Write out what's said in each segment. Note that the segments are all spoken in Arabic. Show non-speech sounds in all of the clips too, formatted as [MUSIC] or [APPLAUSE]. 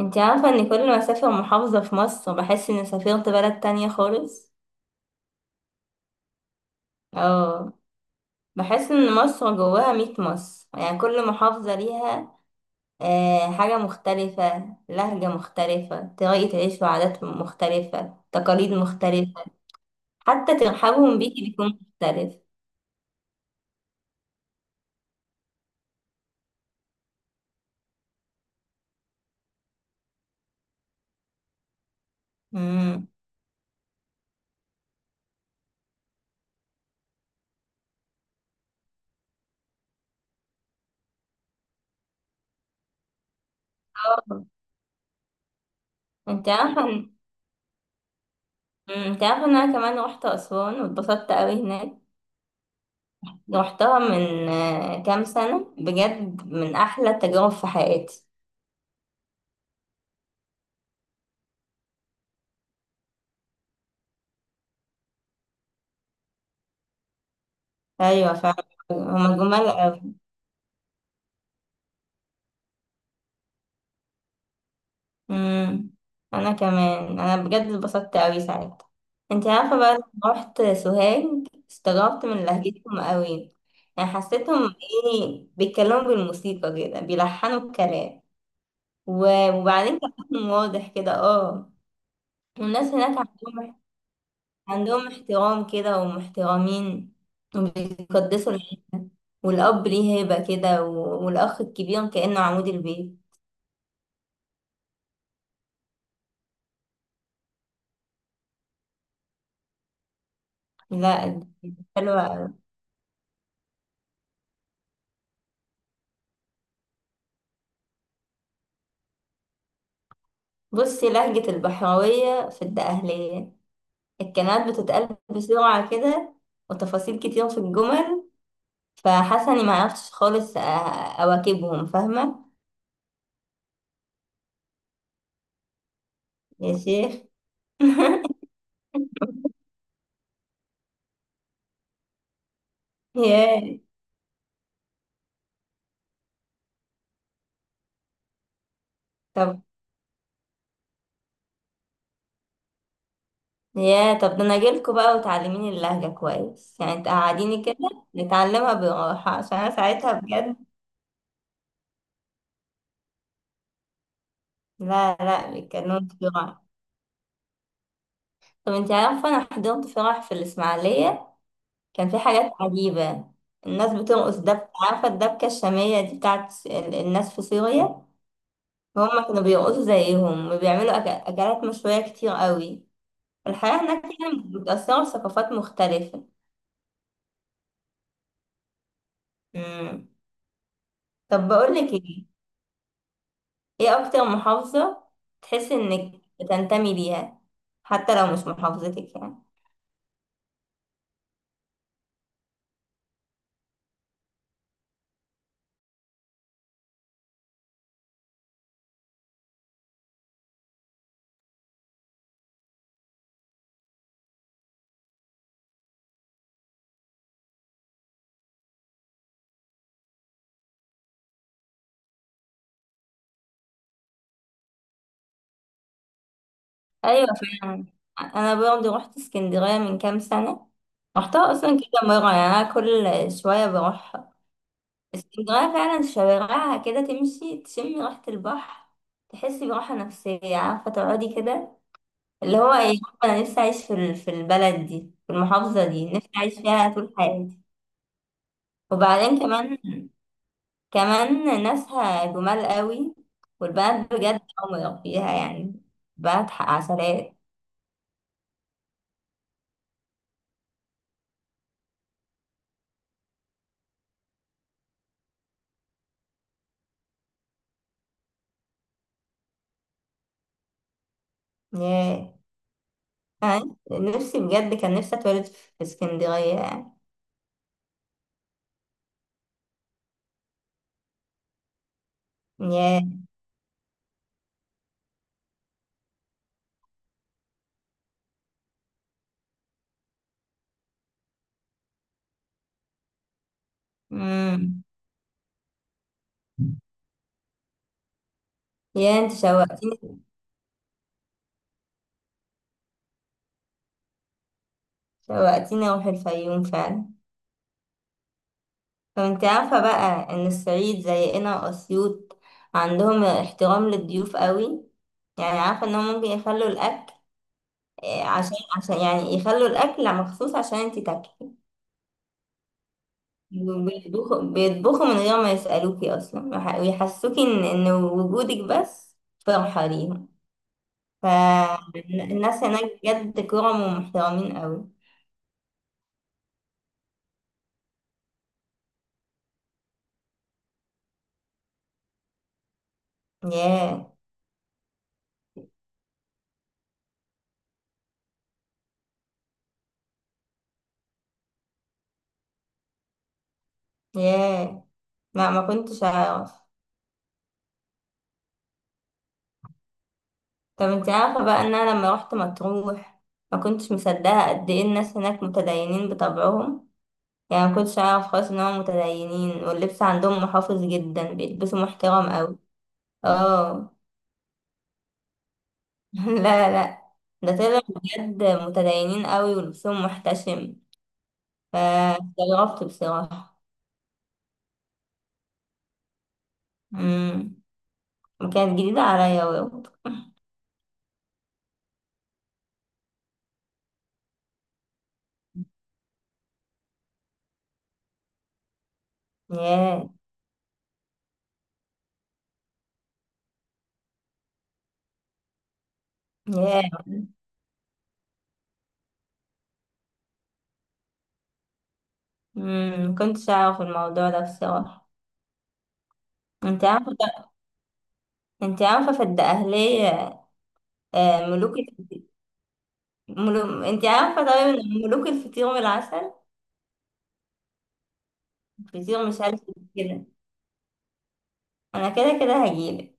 انت عارفة ان كل ما اسافر محافظة في مصر بحس اني سافرت بلد تانية خالص. اه. بحس ان مصر جواها ميت مصر، يعني كل محافظة ليها حاجة مختلفة، لهجة مختلفة، طريقة عيش وعادات مختلفة، تقاليد مختلفة. حتى ترحابهم بيكي بيكون مختلف. امم. اه. انت عارفة ان- انت عارفة ان انا كمان رحت اسوان واتبسطت قوي هناك. رحتها من كام سنة، بجد من احلى التجارب في حياتي. ايوه فعلا. هما جمال قوي. امم. انا كمان انا بجد اتبسطت قوي ساعتها. انت عارفه بقى لما رحت سوهاج، استغربت من لهجتهم قوي. يعني حسيتهم ايه، بيتكلموا بالموسيقى كده، بيلحنوا الكلام. وبعدين كلامهم واضح كده، اه. والناس هناك عندهم احترام كده ومحترمين. وبيقدسوا الح- والاب ليه هيبه كده والاخ الكبير كانه عمود البيت. لا، حلوه. بصي، لهجة البحراوية في الدقهلية، الكلمات بتتقال بسرعة كده، وتفاصيل كتير في الجمل، فحاسة إني معرفتش خالص أواكبهم، فاهمة؟ يا شيخ. [LAUGHS] ياه طب ياه طب ده أنا أجيلكوا بقى وتعلميني اللهجة كويس، يعني تقعديني كده نتعلمها براحة، عشان أنا ساعتها بجد. لا لا، بيتكلموا بسرعة. طب انتي عارفة، أنا حضرت فرح في الإسماعيلية، كان في حاجات عجيبة. الناس بترقص دبكة، عارفة الدبكة الشامية دي بتاعت الناس في سوريا. هما كانوا بيرقصوا زيهم، وبيعملوا أكلات مشوية كتير قوي. الحياة هناك يعني متأثرة بثقافات مختلفة. مم. طب بقولك ايه، ايه أكتر محافظة تحس إنك بتنتمي ليها، حتى لو مش محافظتك يعني؟ أيوة فعلا. أنا برضه رحت اسكندرية من كام سنة، رحتها أصلا كده مرة، يعني أنا كل شوية بروح. اسكندرية فعلا شوارعها كده تمشي تشمي ريحة البحر، تحسي براحة نفسية، عارفة تقعدي كده. اللي هو ايه، أنا نفسي أعيش في في البلد دي، في المحافظة دي نفسي أعيش فيها طول حياتي. وبعدين كمان ناسها جمال قوي. والبنات بجد عمر فيها يعني، بنات عسلات. ياه. أنا نفسي بجد، كان نفسي أتولد في اسكندرية يعني. ياه. مم. ياه انت شوقتيني. شوقتيني أروح الفيوم فعلا. طب انت عارفة بقى ان الصعيد زينا واسيوط، عندهم احترام للضيوف قوي، يعني عارفة انهم ممكن يخلوا الاكل، عشان يعني يخلوا الاكل مخصوص عشان انت تاكلي. وبيطبخوا من غير ما يسألوكي اصلا، ويحسوكي ان وجودك بس فرحة ليهم. فالناس هناك بجد كرم ومحترمين قوي. ياه. ياه، ما كنتش اعرف. طب انت عارفة بقى ان انا لما روحت مطروح، ما كنتش مصدقة قد ايه الناس هناك متدينين بطبعهم. يعني ما كنتش اعرف خالص ان هم متدينين، واللبس عندهم محافظ جدا، بيلبسوا محترم قوي. اه. [LAUGHS] لا لا. ده طلع بجد متدينين قوي ولبسهم محتشم، فاستغربت بصراحة. امم. وكانت جديدة عليا برضه. ياه ياه. ما كنتش اعرف الموضوع ده بصراحة. انت عارفة انت عارفة في الدقهلية، ملوك. انت عارفة طيب ان ملوك الفطير والعسل، فطير مش عارف إيه كده. انا كده كده هجيلك.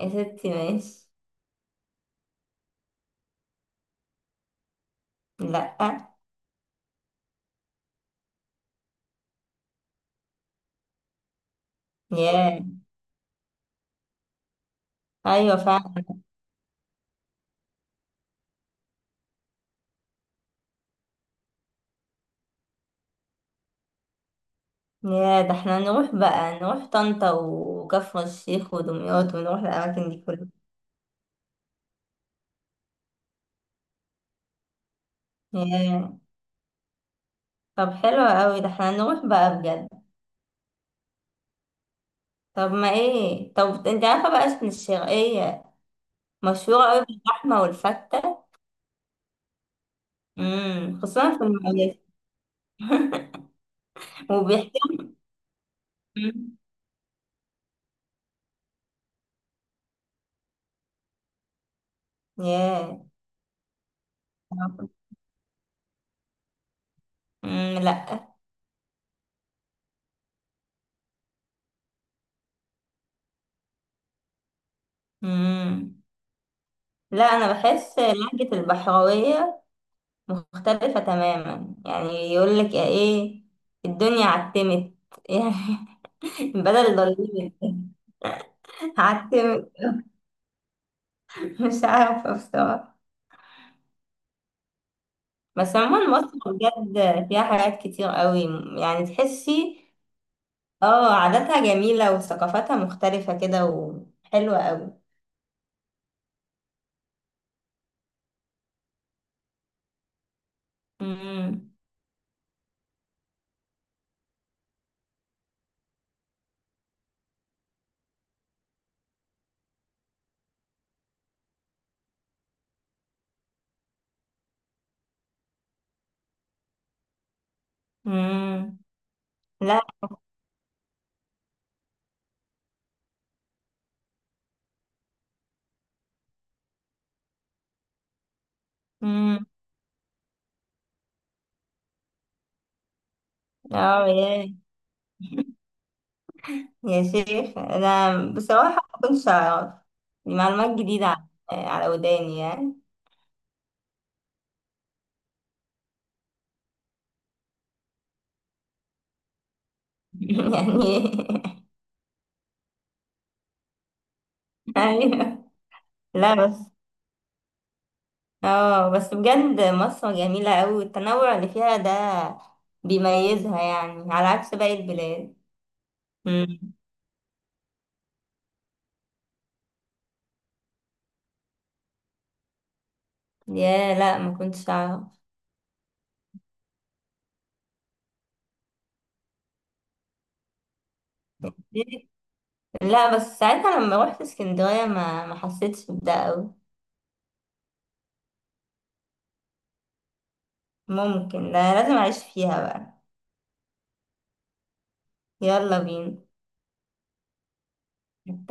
يا ستي ماشي. لا. ياه. ايوه فعلا. ياه ده احنا نروح بقى، نروح طنطا وكفر الشيخ ودمياط، ونروح الاماكن دي كلها. ياه. طب حلو قوي، ده احنا نروح بقى بجد. طب ما ايه طب انت عارفه بقى اسم الشرقيه، مشهوره قوي باللحمه والفته. خصوصا في المقاييس. وبيحكي. مم. ياه. مم، لا. مم. لا انا بحس لهجة البحراوية مختلفة تماما، يعني يقول لك ايه، الدنيا عتمت. [LAUGHS] يعني بدل ضلمت، عتمت. [LAUGHS] مش عارفة بصراحة. بس عموما مصر بجد فيها حاجات كتير قوي، يعني تحسي اه عاداتها جميلة وثقافتها مختلفة كده وحلوة قوي. مم. مم. لا. مم. اه. يا شيخ، انا بصراحه ما كنتش اعرف، دي معلومات جديده على وداني يعني. [LAUGHS] يعني. ايوه. لا بس. اه بس بجد مصر جميله قوي، والتنوع اللي فيها ده بيميزها، يعني على عكس باقي البلاد. مم. يا لا ما كنتش اعرف. لا بس ساعتها لما روحت اسكندريه ما حسيتش بده قوي. ممكن. لا لازم اعيش فيها بقى. يلا بينا.